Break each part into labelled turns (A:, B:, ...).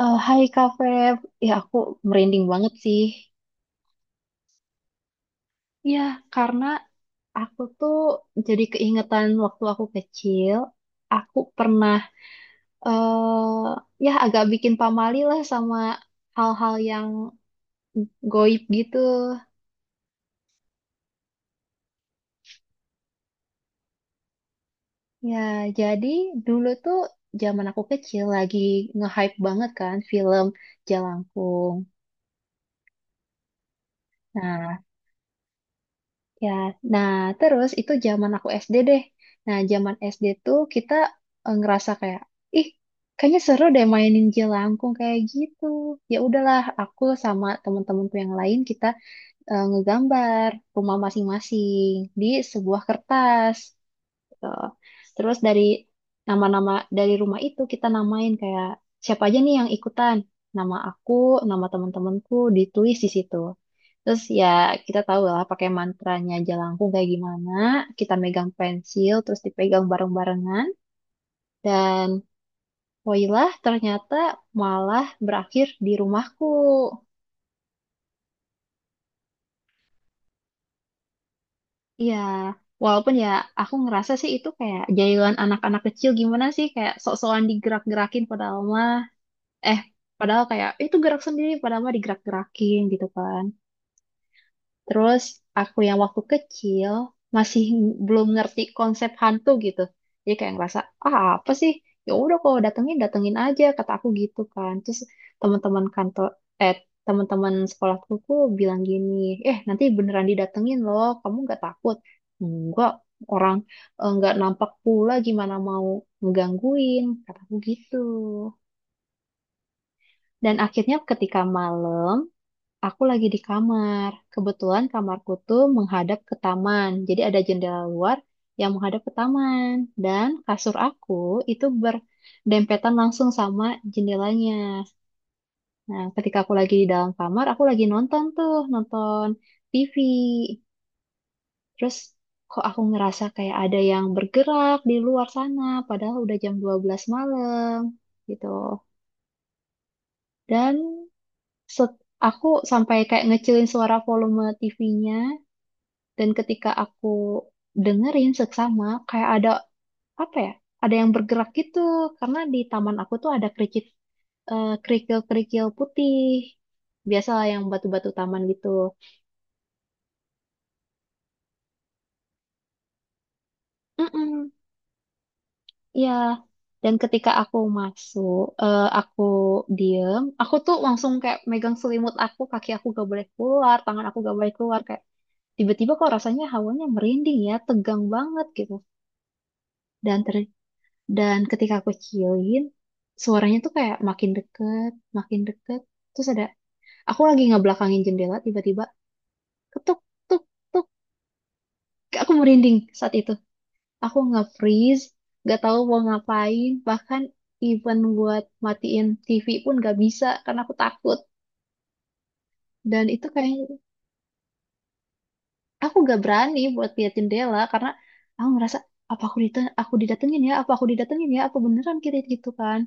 A: Eh, hai Kak Feb, ya aku merinding banget sih. Ya, karena aku tuh jadi keingetan waktu aku kecil, aku pernah, eh ya agak bikin pamali lah sama hal-hal yang goib gitu. Ya, jadi dulu tuh zaman aku kecil lagi nge-hype banget kan film Jalangkung. Nah, Ya, nah, terus itu zaman aku SD deh. Nah, zaman SD tuh kita ngerasa kayak, ih, kayaknya seru deh mainin jelangkung kayak gitu. Ya udahlah, aku sama temen-temenku yang lain kita ngegambar rumah masing-masing di sebuah kertas. Tuh. Terus dari nama-nama dari rumah itu kita namain kayak siapa aja nih yang ikutan. Nama aku, nama teman-temanku ditulis di situ. Terus ya kita tahu lah pakai mantranya Jalangkung kayak gimana. Kita megang pensil terus dipegang bareng-barengan, dan woilah, ternyata malah berakhir di rumahku. Iya, walaupun ya aku ngerasa sih itu kayak jailan anak-anak kecil, gimana sih kayak sok-sokan digerak-gerakin, padahal mah eh padahal kayak, "Eh, itu gerak sendiri, padahal mah digerak-gerakin" gitu kan. Terus aku yang waktu kecil masih belum ngerti konsep hantu gitu, jadi kayak ngerasa, ah apa sih, ya udah kalau datengin datengin aja, kata aku gitu kan. Terus teman-teman kantor eh teman-teman sekolahku tuh bilang gini, "Eh, nanti beneran didatengin loh, kamu nggak takut?" "Enggak, orang nggak nampak pula, gimana mau ngegangguin," kataku gitu. Dan akhirnya ketika malam, aku lagi di kamar. Kebetulan kamarku tuh menghadap ke taman. Jadi ada jendela luar yang menghadap ke taman. Dan kasur aku itu berdempetan langsung sama jendelanya. Nah, ketika aku lagi di dalam kamar, aku lagi nonton tuh, nonton TV. Terus kok aku ngerasa kayak ada yang bergerak di luar sana, padahal udah jam 12 malam gitu. Dan set- aku sampai kayak ngecilin suara volume TV-nya. Dan ketika aku dengerin seksama, kayak ada apa ya? Ada yang bergerak gitu karena di taman aku tuh ada kerikil-kerikil putih. Biasalah yang batu-batu taman gitu. Mm-mm, ya. Dan ketika aku masuk, aku diem, aku tuh langsung kayak megang selimut aku, kaki aku gak boleh keluar, tangan aku gak boleh keluar, kayak tiba-tiba kok rasanya hawanya merinding ya, tegang banget gitu. Dan ter Dan ketika aku kecilin, suaranya tuh kayak makin deket, makin deket. Terus ada, aku lagi ngebelakangin jendela, tiba-tiba ketuk, tuk, tuk. Aku merinding saat itu. Aku nggak freeze, nggak tahu mau ngapain. Bahkan even buat matiin TV pun nggak bisa karena aku takut. Dan itu kayak aku nggak berani buat lihat jendela karena aku ngerasa, apa aku didatengin ya, apa aku didatengin ya, apa beneran kita gitu kan.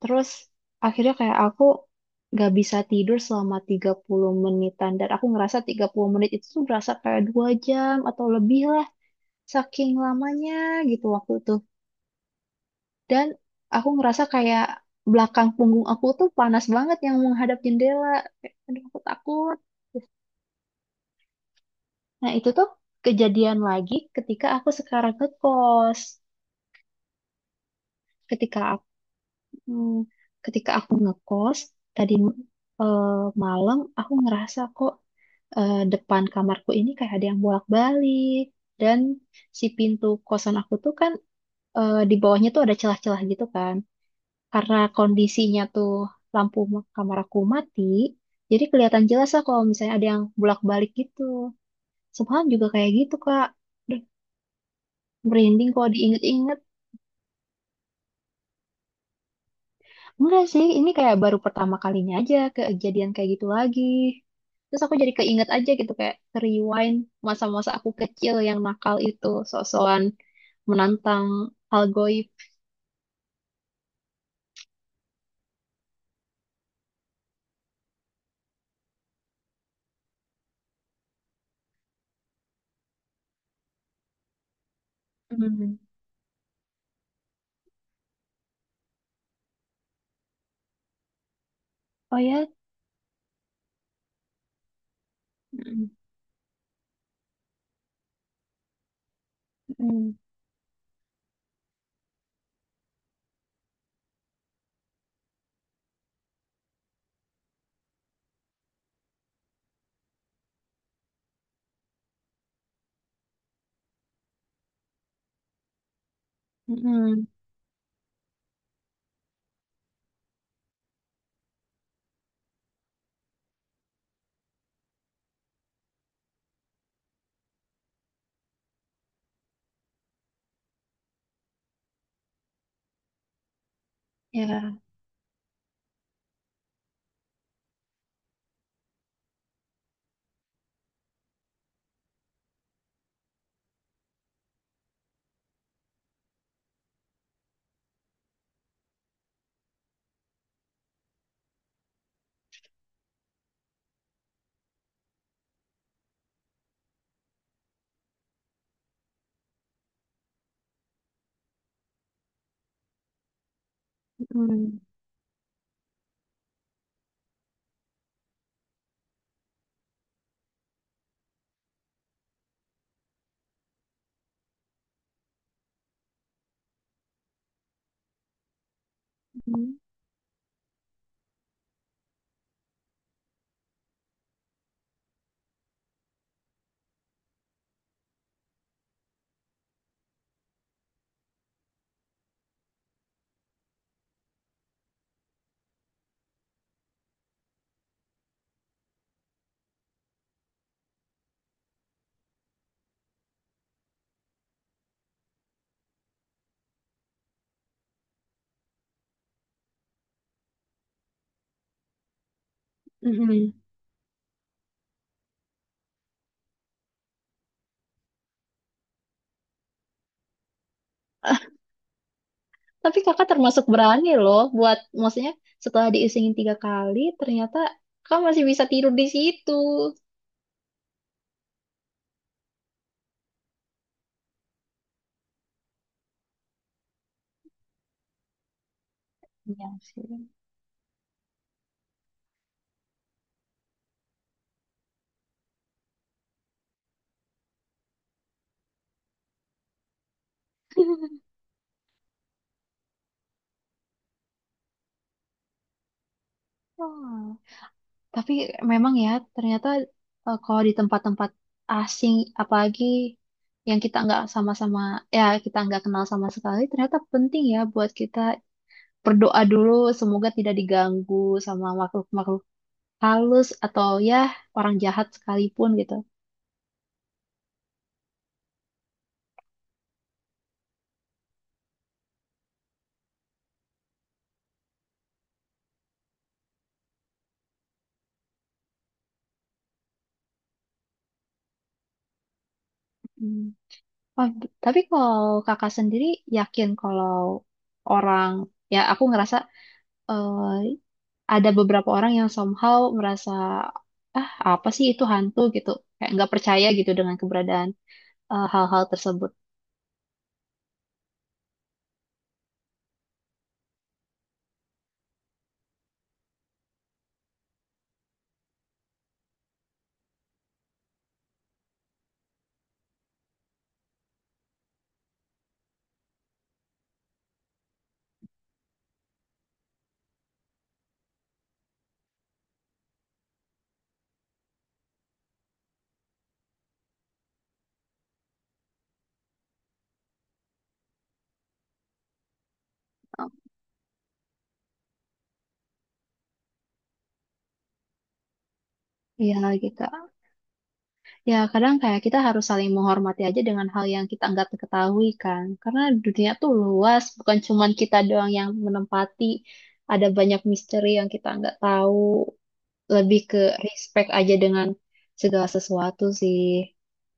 A: Terus akhirnya kayak aku gak bisa tidur selama 30 menitan. Dan aku ngerasa 30 menit itu tuh berasa kayak 2 jam atau lebih lah. Saking lamanya gitu waktu itu. Dan aku ngerasa kayak belakang punggung aku tuh panas banget yang menghadap jendela. Kayak, aduh, aku takut. Nah, itu tuh kejadian lagi ketika aku sekarang ngekos. Ketika aku, hmm, Ketika aku ngekos, tadi eh, malam aku ngerasa kok depan kamarku ini kayak ada yang bolak-balik, dan si pintu kosan aku tuh kan, di bawahnya tuh ada celah-celah gitu kan. Karena kondisinya tuh kamar aku mati, jadi kelihatan jelas lah kalau misalnya ada yang bolak-balik gitu. Semalam juga kayak gitu, Kak. Duh, merinding kalau diinget-inget. Enggak sih, ini kayak baru pertama kalinya aja kejadian kayak gitu lagi. Terus aku jadi keinget aja gitu kayak rewind masa-masa aku kecil yang nakal itu, sok-sokan menantang hal goib. Mm. Oh ya. Mm. Mm. Mm. Ya. Mm. Mm. Mm. Tapi kakak termasuk berani loh buat, maksudnya setelah diisengin 3 kali, ternyata kakak masih bisa tidur di situ. Iya sih. Oh. Tapi memang ya, ternyata kalau di tempat-tempat asing, apalagi yang kita nggak sama-sama, ya kita nggak kenal sama sekali, ternyata penting ya buat kita berdoa dulu, semoga tidak diganggu sama makhluk-makhluk halus atau ya orang jahat sekalipun gitu. Hmm. Oh, tapi kalau kakak sendiri yakin kalau orang, ya aku ngerasa ada beberapa orang yang somehow merasa, ah apa sih itu hantu gitu, kayak nggak percaya gitu dengan keberadaan hal-hal tersebut. Iya gitu ya, kadang kayak kita harus saling menghormati aja dengan hal yang kita nggak ketahui kan, karena dunia tuh luas, bukan cuman kita doang yang menempati, ada banyak misteri yang kita nggak tahu, lebih ke respect aja dengan segala sesuatu sih,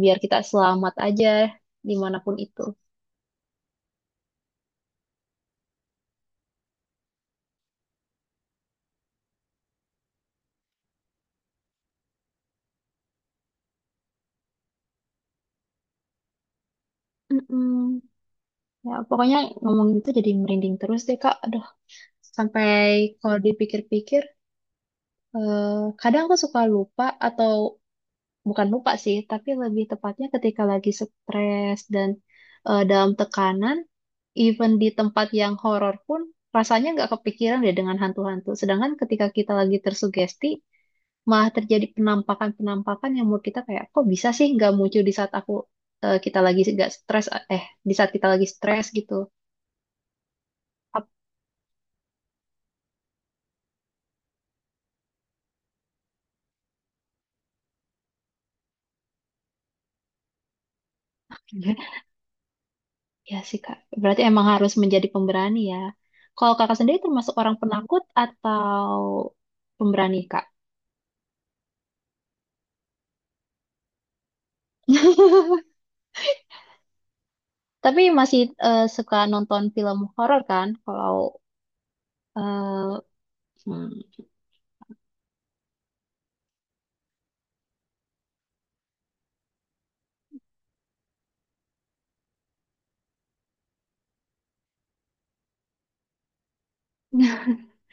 A: biar kita selamat aja dimanapun itu. Mm-mm. Ya, pokoknya ngomongin itu jadi merinding terus deh, Kak. Aduh, sampai kalau dipikir-pikir, eh, kadang aku suka lupa atau bukan lupa sih, tapi lebih tepatnya ketika lagi stres dan dalam tekanan, even di tempat yang horor pun rasanya nggak kepikiran deh dengan hantu-hantu. Sedangkan ketika kita lagi tersugesti, malah terjadi penampakan-penampakan yang menurut kita kayak, kok bisa sih nggak muncul di saat kita lagi nggak stres, eh di saat kita lagi stres gitu. Ap- Ya sih Kak, berarti emang harus menjadi pemberani ya. Kalau Kakak sendiri termasuk orang penakut atau pemberani Kak? Tapi masih suka nonton film horor kan? Kalau eh, hmm,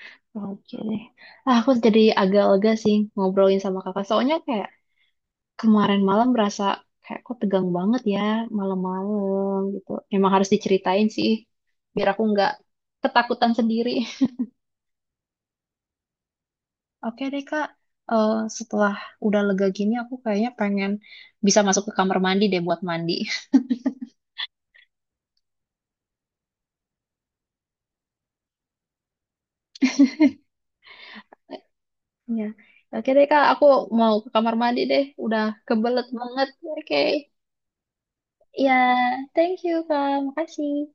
A: oke deh. Ah, aku jadi agak lega sih ngobrolin sama Kakak. Soalnya kayak kemarin malam berasa kayak kok tegang banget ya malam-malam gitu. Emang harus diceritain sih biar aku nggak ketakutan sendiri. Oke deh Kak, setelah udah lega gini aku kayaknya pengen bisa masuk ke kamar mandi deh buat mandi. Ya. Oke deh Kak, aku mau ke kamar mandi deh. Udah kebelet banget. Oke. Ya, thank you Kak. Makasih.